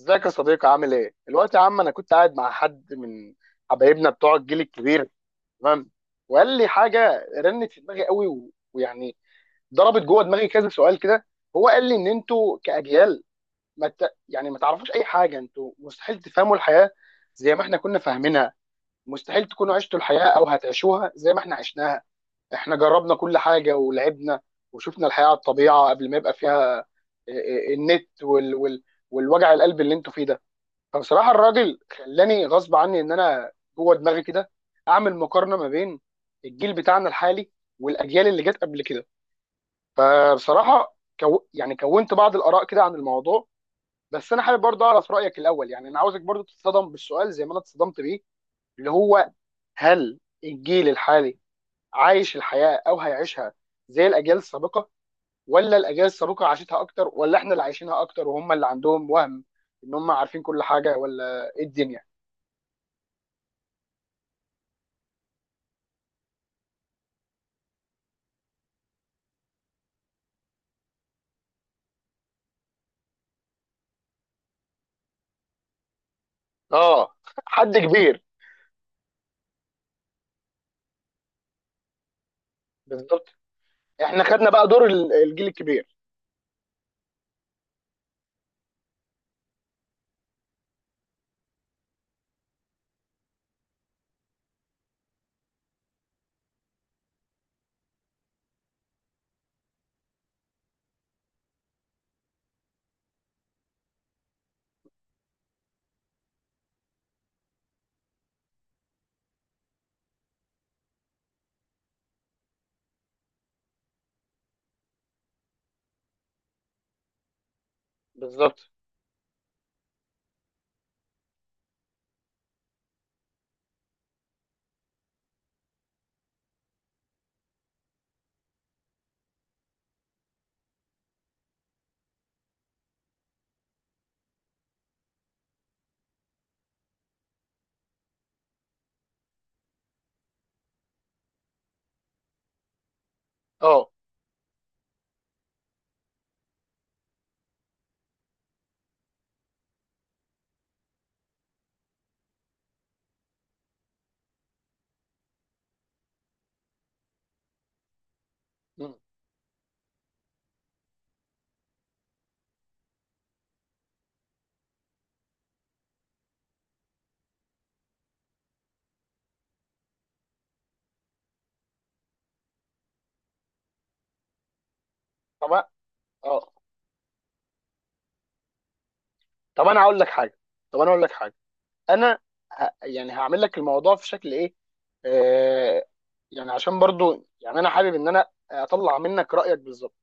ازيك يا صديقي؟ عامل ايه؟ الوقت يا عم، انا كنت قاعد مع حد من حبايبنا بتوع الجيل الكبير. تمام. وقال لي حاجه رنت في دماغي قوي ويعني ضربت جوه دماغي كذا سؤال كده. هو قال لي ان انتوا كاجيال ما ت... يعني ما تعرفوش اي حاجه، انتوا مستحيل تفهموا الحياه زي ما احنا كنا فاهمينها، مستحيل تكونوا عشتوا الحياه او هتعيشوها زي ما احنا عشناها. احنا جربنا كل حاجه ولعبنا وشفنا الحياه على الطبيعه قبل ما يبقى فيها النت والوجع القلب اللي انتوا فيه ده. فبصراحه الراجل خلاني غصب عني ان انا جوه دماغي كده اعمل مقارنه ما بين الجيل بتاعنا الحالي والاجيال اللي جت قبل كده. فبصراحه يعني كونت بعض الاراء كده عن الموضوع. بس انا حابب برضه اعرف رايك الاول، يعني انا عاوزك برضه تتصدم بالسؤال زي ما انا اتصدمت بيه، اللي هو: هل الجيل الحالي عايش الحياه او هيعيشها زي الاجيال السابقه؟ ولا الاجيال السابقه عاشتها اكتر؟ ولا احنا اللي عايشينها اكتر وهم اللي عندهم وهم ان هم عارفين كل حاجه؟ ولا ايه الدنيا؟ اه، حد كبير. بالظبط، احنا خدنا بقى دور الجيل الكبير. بالظبط. اه. مم. طب. اه. طب انا هقول لك حاجه طب انا هقول لك حاجه. انا يعني هعمل لك الموضوع في شكل ايه. آه... يعني عشان برضو يعني انا حابب ان انا اطلع منك رايك بالظبط.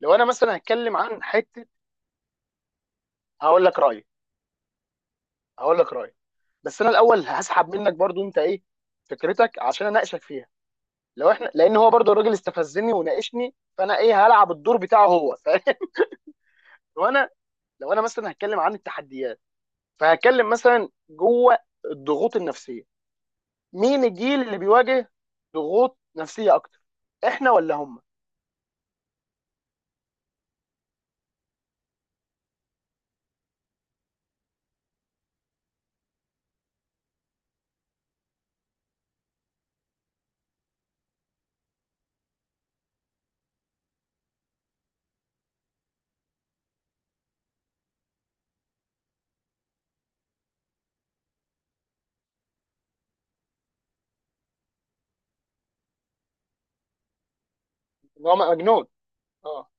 لو انا مثلا هتكلم عن حته، هقول لك رايي هقول لك رايي. بس انا الاول هسحب منك برضو انت ايه فكرتك، عشان اناقشك فيها. لو احنا، لان هو برضو الراجل استفزني وناقشني، فانا ايه، هلعب الدور بتاعه. هو فاهم؟ وانا لو انا مثلا هتكلم عن التحديات، فهتكلم مثلا جوه الضغوط النفسيه. مين الجيل اللي بيواجه ضغوط نفسيه اكتر؟ احنا ولا هم؟ هم مجنون. اه.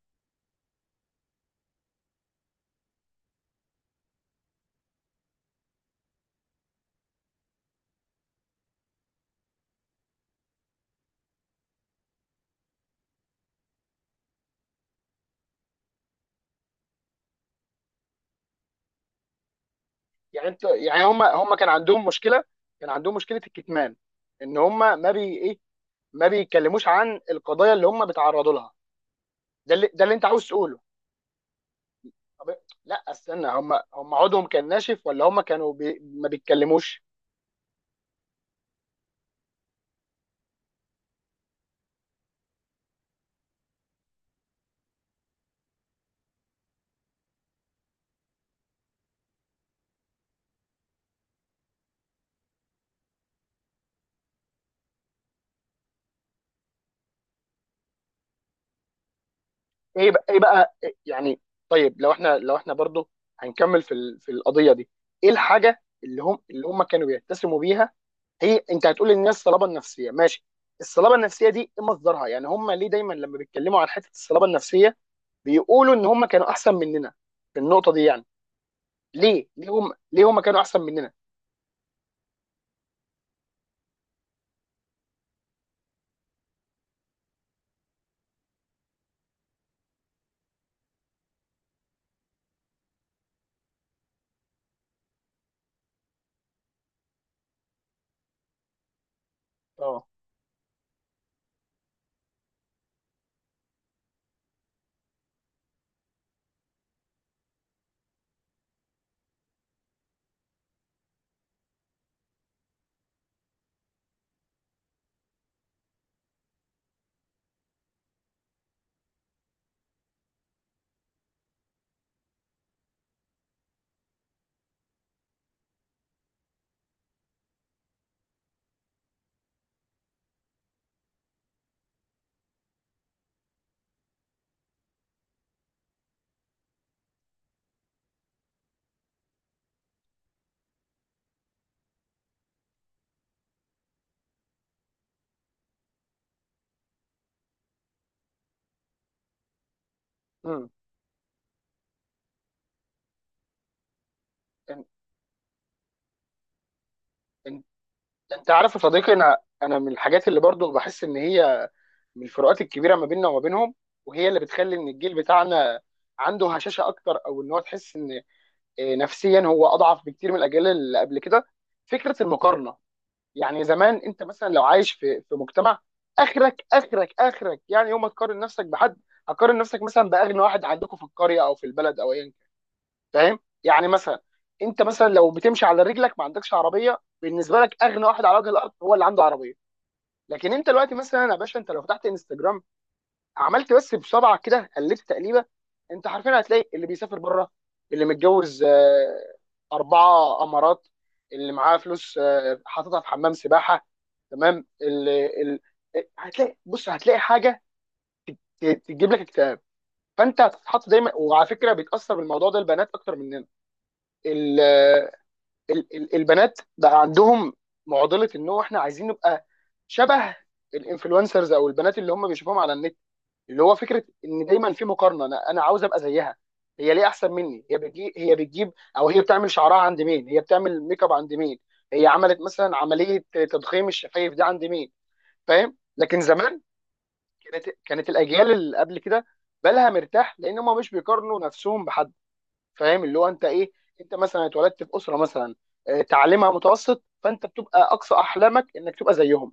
يعني انت يعني هم كان عندهم مشكله الكتمان، ان هم، ما بي ايه ما بيتكلموش عن القضايا اللي هم بيتعرضوا لها. ده اللي انت عاوز تقوله. طب لا استنى، هم عضهم كان ناشف، ولا هم كانوا ما بيتكلموش؟ ايه بقى إيه يعني؟ طيب، لو احنا برضو هنكمل في في القضيه دي. ايه الحاجه اللي هم كانوا بيتسموا بيها؟ هي انت هتقول للناس صلابه نفسيه. ماشي. الصلابه النفسيه دي ايه مصدرها؟ يعني هم ليه دايما لما بيتكلموا عن حته الصلابه النفسيه بيقولوا ان هم كانوا احسن مننا في النقطه دي؟ يعني ليه هم كانوا احسن مننا؟ اه. امم. انت عارف يا صديقي، انا من الحاجات اللي برضو بحس ان هي من الفروقات الكبيره ما بيننا وما بينهم، وهي اللي بتخلي ان الجيل بتاعنا عنده هشاشه اكتر، او ان هو تحس ان نفسيا هو اضعف بكتير من الاجيال اللي قبل كده. فكره المقارنه، يعني زمان انت مثلا لو عايش في مجتمع، اخرك اخرك اخرك يعني يوم ما تقارن نفسك بحد، هتقارن نفسك مثلا باغنى واحد عندكم في القريه او في البلد او ايا كان. فاهم يعني؟ مثلا انت مثلا لو بتمشي على رجلك ما عندكش عربيه، بالنسبه لك اغنى واحد على وجه الارض هو اللي عنده عربيه. لكن انت دلوقتي مثلا يا باشا، انت لو فتحت انستجرام، عملت بس بصبعك كده قلبت تقليبه، انت حرفيا هتلاقي اللي بيسافر بره، اللي متجوز اربعه امارات، اللي معاه فلوس حاططها في حمام سباحه. تمام. اللي ال... آه، هتلاقي، بص هتلاقي حاجه تجيب لك اكتئاب. فانت هتتحط دايما، وعلى فكره بيتاثر بالموضوع ده البنات اكتر مننا. ال... آه، ال... ال- البنات بقى عندهم معضله، ان هو احنا عايزين نبقى شبه الانفلونسرز، او البنات اللي هم بيشوفوهم على النت، اللي هو فكره ان دايما في مقارنه، انا عاوز ابقى زيها، هي ليه احسن مني؟ هي بتجيب هي بتجيب او هي بتعمل شعرها عند مين؟ هي بتعمل ميك اب عند مين؟ هي عملت مثلا عمليه تضخيم الشفايف دي عند مين؟ فاهم؟ لكن زمان كانت الاجيال اللي قبل كده بالها مرتاح، لان هم مش بيقارنوا نفسهم بحد. فاهم؟ اللي هو انت ايه، انت مثلا اتولدت في اسره مثلا تعليمها متوسط، فانت بتبقى اقصى احلامك انك تبقى زيهم،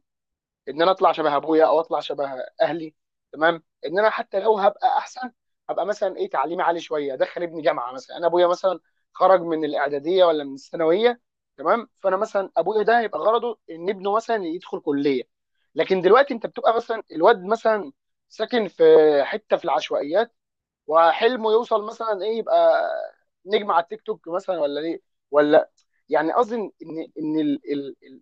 ان انا اطلع شبه ابويا، او اطلع شبه اهلي. تمام، ان انا حتى لو هبقى احسن، هبقى مثلا ايه، تعليمي عالي شويه، ادخل ابني جامعه مثلا. انا ابويا مثلا خرج من الاعداديه ولا من الثانويه، تمام، فانا مثلا ابويا ده هيبقى غرضه ان ابنه مثلا يدخل كليه. لكن دلوقتي انت بتبقى مثلا الواد مثلا ساكن في حته في العشوائيات، وحلمه يوصل مثلا ايه، يبقى نجم على التيك توك مثلا، ولا ليه، ولا، يعني قصدي ان ان إن ال ال ال.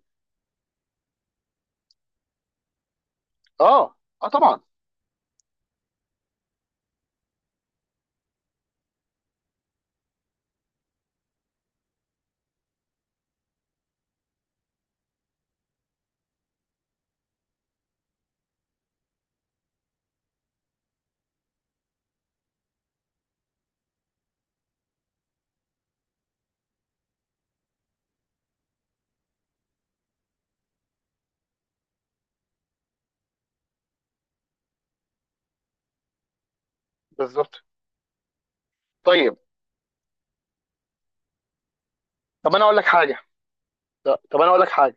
اه. اه، طبعا. بالظبط. طيب. طب انا اقول لك حاجه طب انا اقول لك حاجه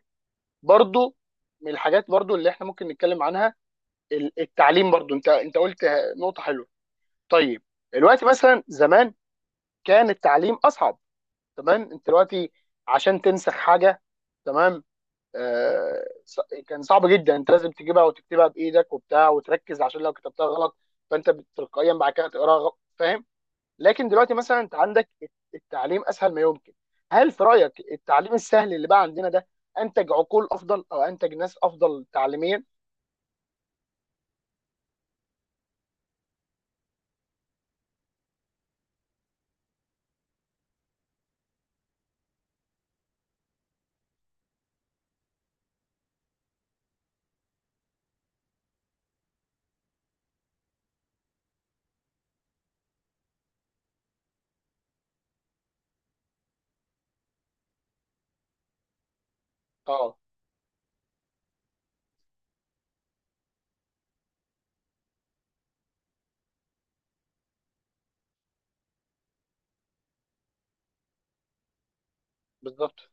برضو. من الحاجات برضو اللي احنا ممكن نتكلم عنها التعليم برضو. انت قلت نقطه حلوه. طيب، دلوقتي مثلا، زمان كان التعليم اصعب، تمام، انت دلوقتي عشان تنسخ حاجه، تمام، آه ص- كان صعب جدا، انت لازم تجيبها وتكتبها بايدك وبتاع وتركز، عشان لو كتبتها غلط فانت تلقائيا بعد كده تقراها غلط. فاهم؟ لكن دلوقتي مثلا انت عندك التعليم اسهل ما يمكن. هل في رايك التعليم السهل اللي بقى عندنا ده انتج عقول افضل، او انتج ناس افضل تعليميا؟ اه. بالظبط.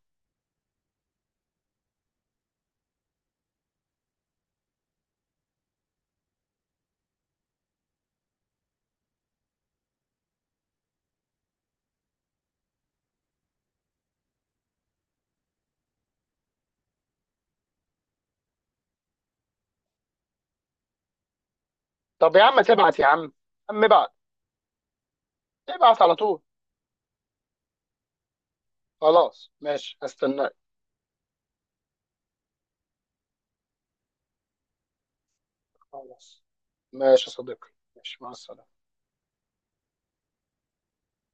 طب يا عم تبعت يا عم، عم ابعت، ابعت على طول. خلاص ماشي، هستناك. خلاص ماشي يا صديقي. ماشي، مع السلامه.